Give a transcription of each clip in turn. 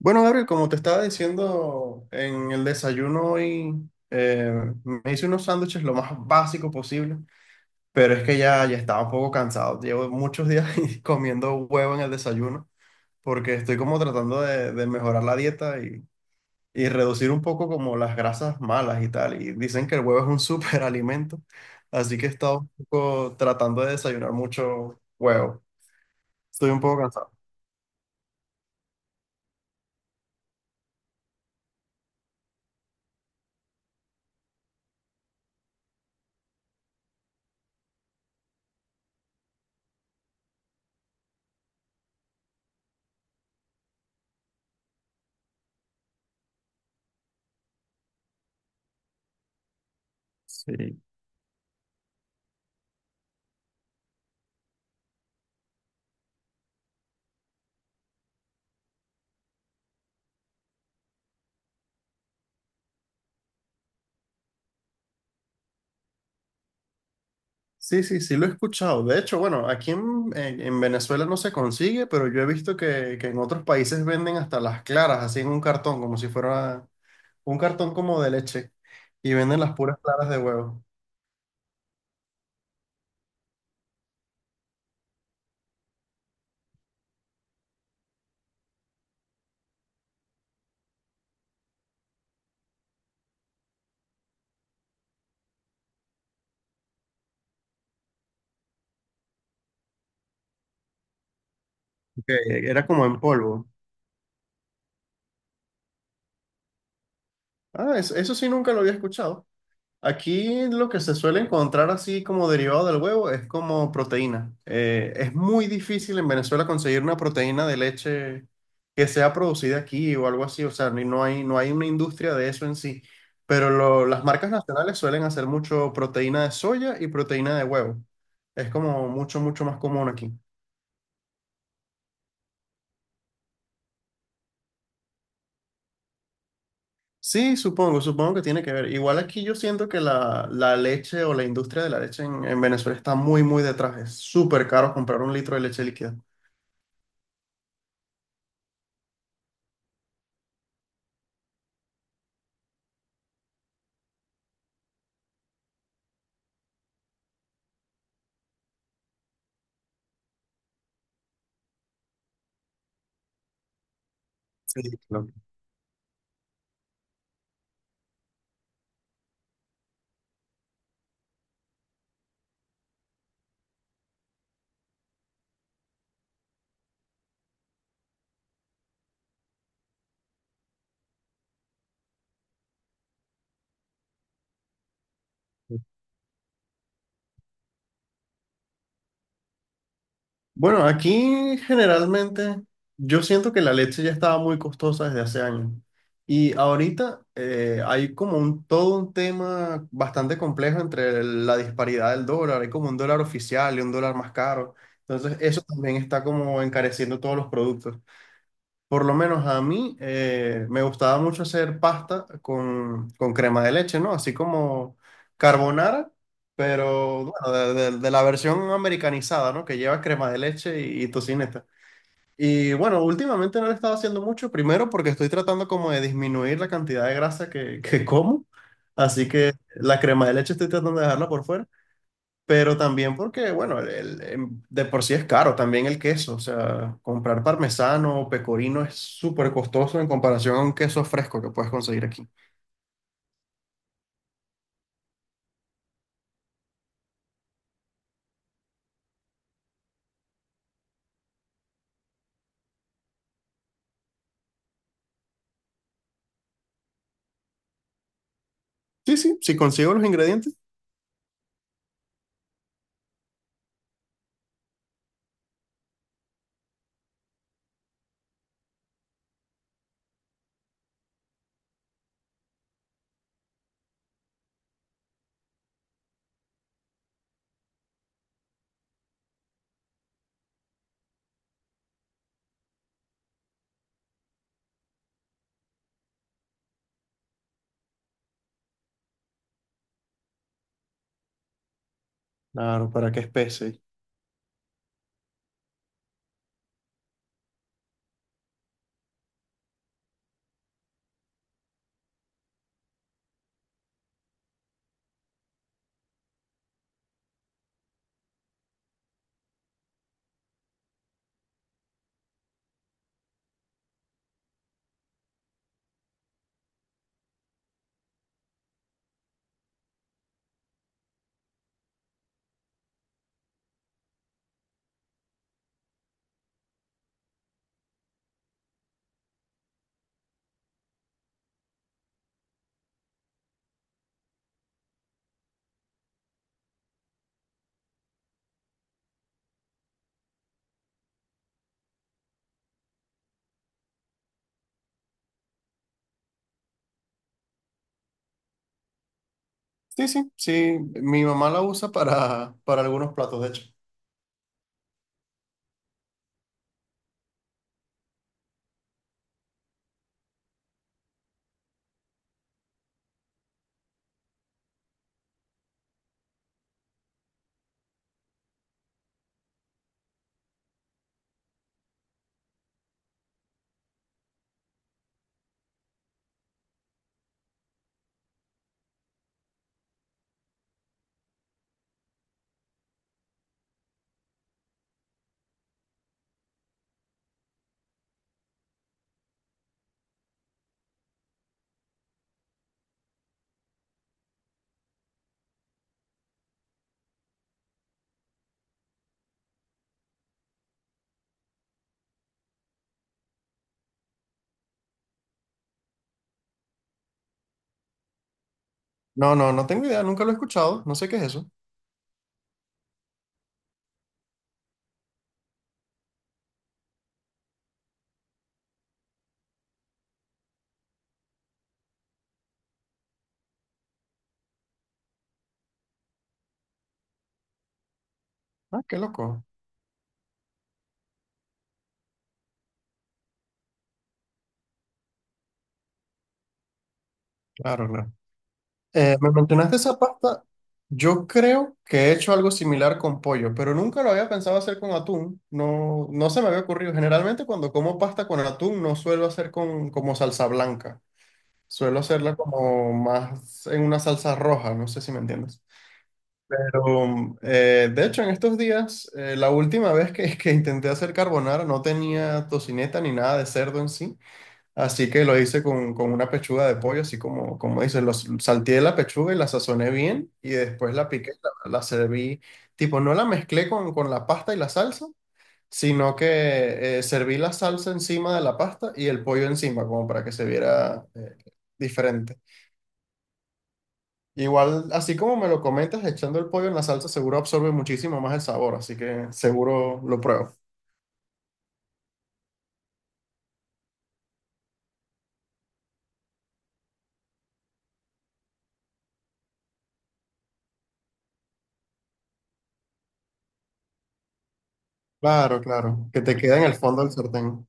Bueno, Gabriel, como te estaba diciendo en el desayuno hoy, eh, me hice unos sándwiches lo más básico posible, pero es que ya estaba un poco cansado. Llevo muchos días comiendo huevo en el desayuno porque estoy como tratando de mejorar la dieta y reducir un poco como las grasas malas y tal. Y dicen que el huevo es un superalimento, así que he estado un poco tratando de desayunar mucho huevo. Estoy un poco cansado. Sí. Sí, sí, sí, lo he escuchado. De hecho, bueno, aquí en Venezuela no se consigue, pero yo he visto que en otros países venden hasta las claras, así en un cartón, como si fuera un cartón como de leche, y venden las puras claras de huevo. Ok, era como en polvo. Ah, eso sí nunca lo había escuchado. Aquí lo que se suele encontrar así como derivado del huevo es como proteína. Es muy difícil en Venezuela conseguir una proteína de leche que sea producida aquí o algo así. O sea, no hay, no hay una industria de eso en sí. Pero las marcas nacionales suelen hacer mucho proteína de soya y proteína de huevo. Es como mucho, mucho más común aquí. Sí, supongo que tiene que ver. Igual aquí yo siento que la leche o la industria de la leche en Venezuela está muy, muy detrás. Es súper caro comprar un litro de leche líquida. Sí, claro. Bueno, aquí generalmente yo siento que la leche ya estaba muy costosa desde hace años. Y ahorita hay como un, todo un tema bastante complejo entre la disparidad del dólar. Hay como un dólar oficial y un dólar más caro. Entonces eso también está como encareciendo todos los productos. Por lo menos a mí me gustaba mucho hacer pasta con crema de leche, ¿no? Así como carbonara, pero bueno, de la versión americanizada, ¿no? Que lleva crema de leche y tocineta. Y bueno, últimamente no lo he estado haciendo mucho, primero porque estoy tratando como de disminuir la cantidad de grasa que como, así que la crema de leche estoy tratando de dejarla por fuera, pero también porque, bueno, de por sí es caro también el queso. O sea, comprar parmesano o pecorino es súper costoso en comparación a un queso fresco que puedes conseguir aquí. Sí, sí, si consigo los ingredientes. Claro, ¿para qué especie? Sí, sí, sí. Mi mamá la usa para algunos platos, de hecho. No, no, no tengo idea, nunca lo he escuchado. No sé qué es eso. Ah, qué loco. Claro, claro. Me mencionaste esa pasta. Yo creo que he hecho algo similar con pollo, pero nunca lo había pensado hacer con atún. No, no se me había ocurrido. Generalmente cuando como pasta con atún no suelo hacer con como salsa blanca. Suelo hacerla como más en una salsa roja. No sé si me entiendes. Pero, de hecho, en estos días, la última vez que, que intenté hacer carbonara no tenía tocineta ni nada de cerdo en sí, así que lo hice con una pechuga de pollo, así como, como dices, lo salteé la pechuga y la sazoné bien y después la piqué, la serví, tipo, no la mezclé con la pasta y la salsa, sino que serví la salsa encima de la pasta y el pollo encima, como para que se viera diferente. Igual, así como me lo comentas, echando el pollo en la salsa seguro absorbe muchísimo más el sabor, así que seguro lo pruebo. Claro, claro, que te queda en el fondo del sartén.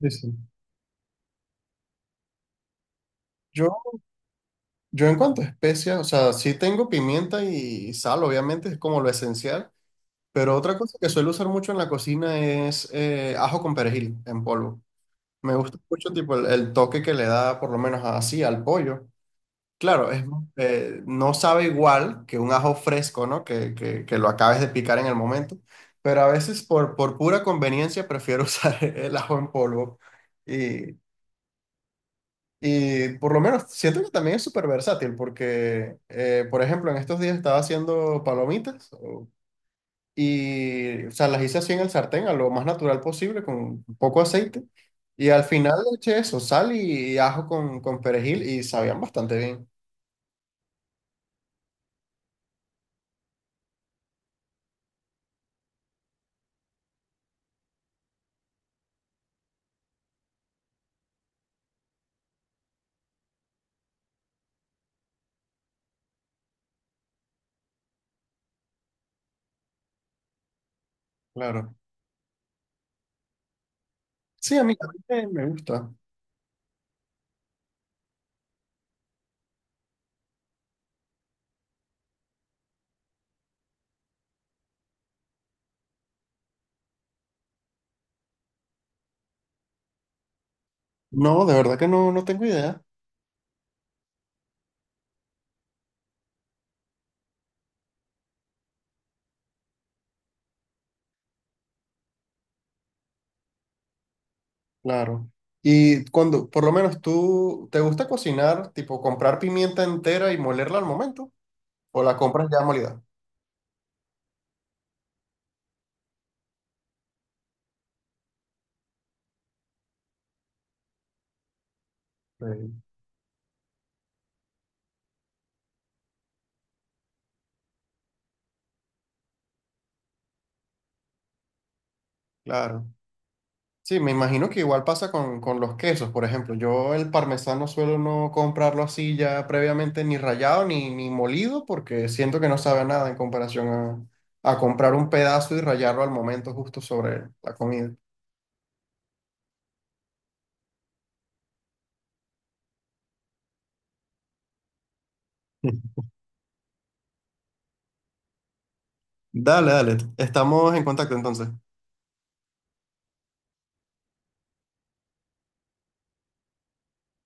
Sí, sí. Yo, yo en cuanto a especias, o sea, sí tengo pimienta y sal, obviamente, es como lo esencial, pero otra cosa que suelo usar mucho en la cocina es ajo con perejil en polvo. Me gusta mucho tipo el toque que le da por lo menos así al pollo. Claro, es, no sabe igual que un ajo fresco, ¿no? Que, que lo acabes de picar en el momento, pero a veces por pura conveniencia prefiero usar el ajo en polvo. Y, y por lo menos siento que también es súper versátil porque, por ejemplo, en estos días estaba haciendo y, o sea, las hice así en el sartén, a lo más natural posible, con poco aceite. Y al final le eché eso, sal ajo con perejil y sabían bastante bien, claro. Sí, a mí también me gusta. No, de verdad que no, no tengo idea. Claro. Y cuando, por lo menos tú, ¿te gusta cocinar, tipo comprar pimienta entera y molerla al momento? ¿O la compras ya molida? Sí. Claro. Sí, me imagino que igual pasa con los quesos, por ejemplo. Yo el parmesano suelo no comprarlo así ya previamente ni rallado ni molido porque siento que no sabe a nada en comparación a comprar un pedazo y rallarlo al momento justo sobre la comida. Dale, dale. Estamos en contacto entonces.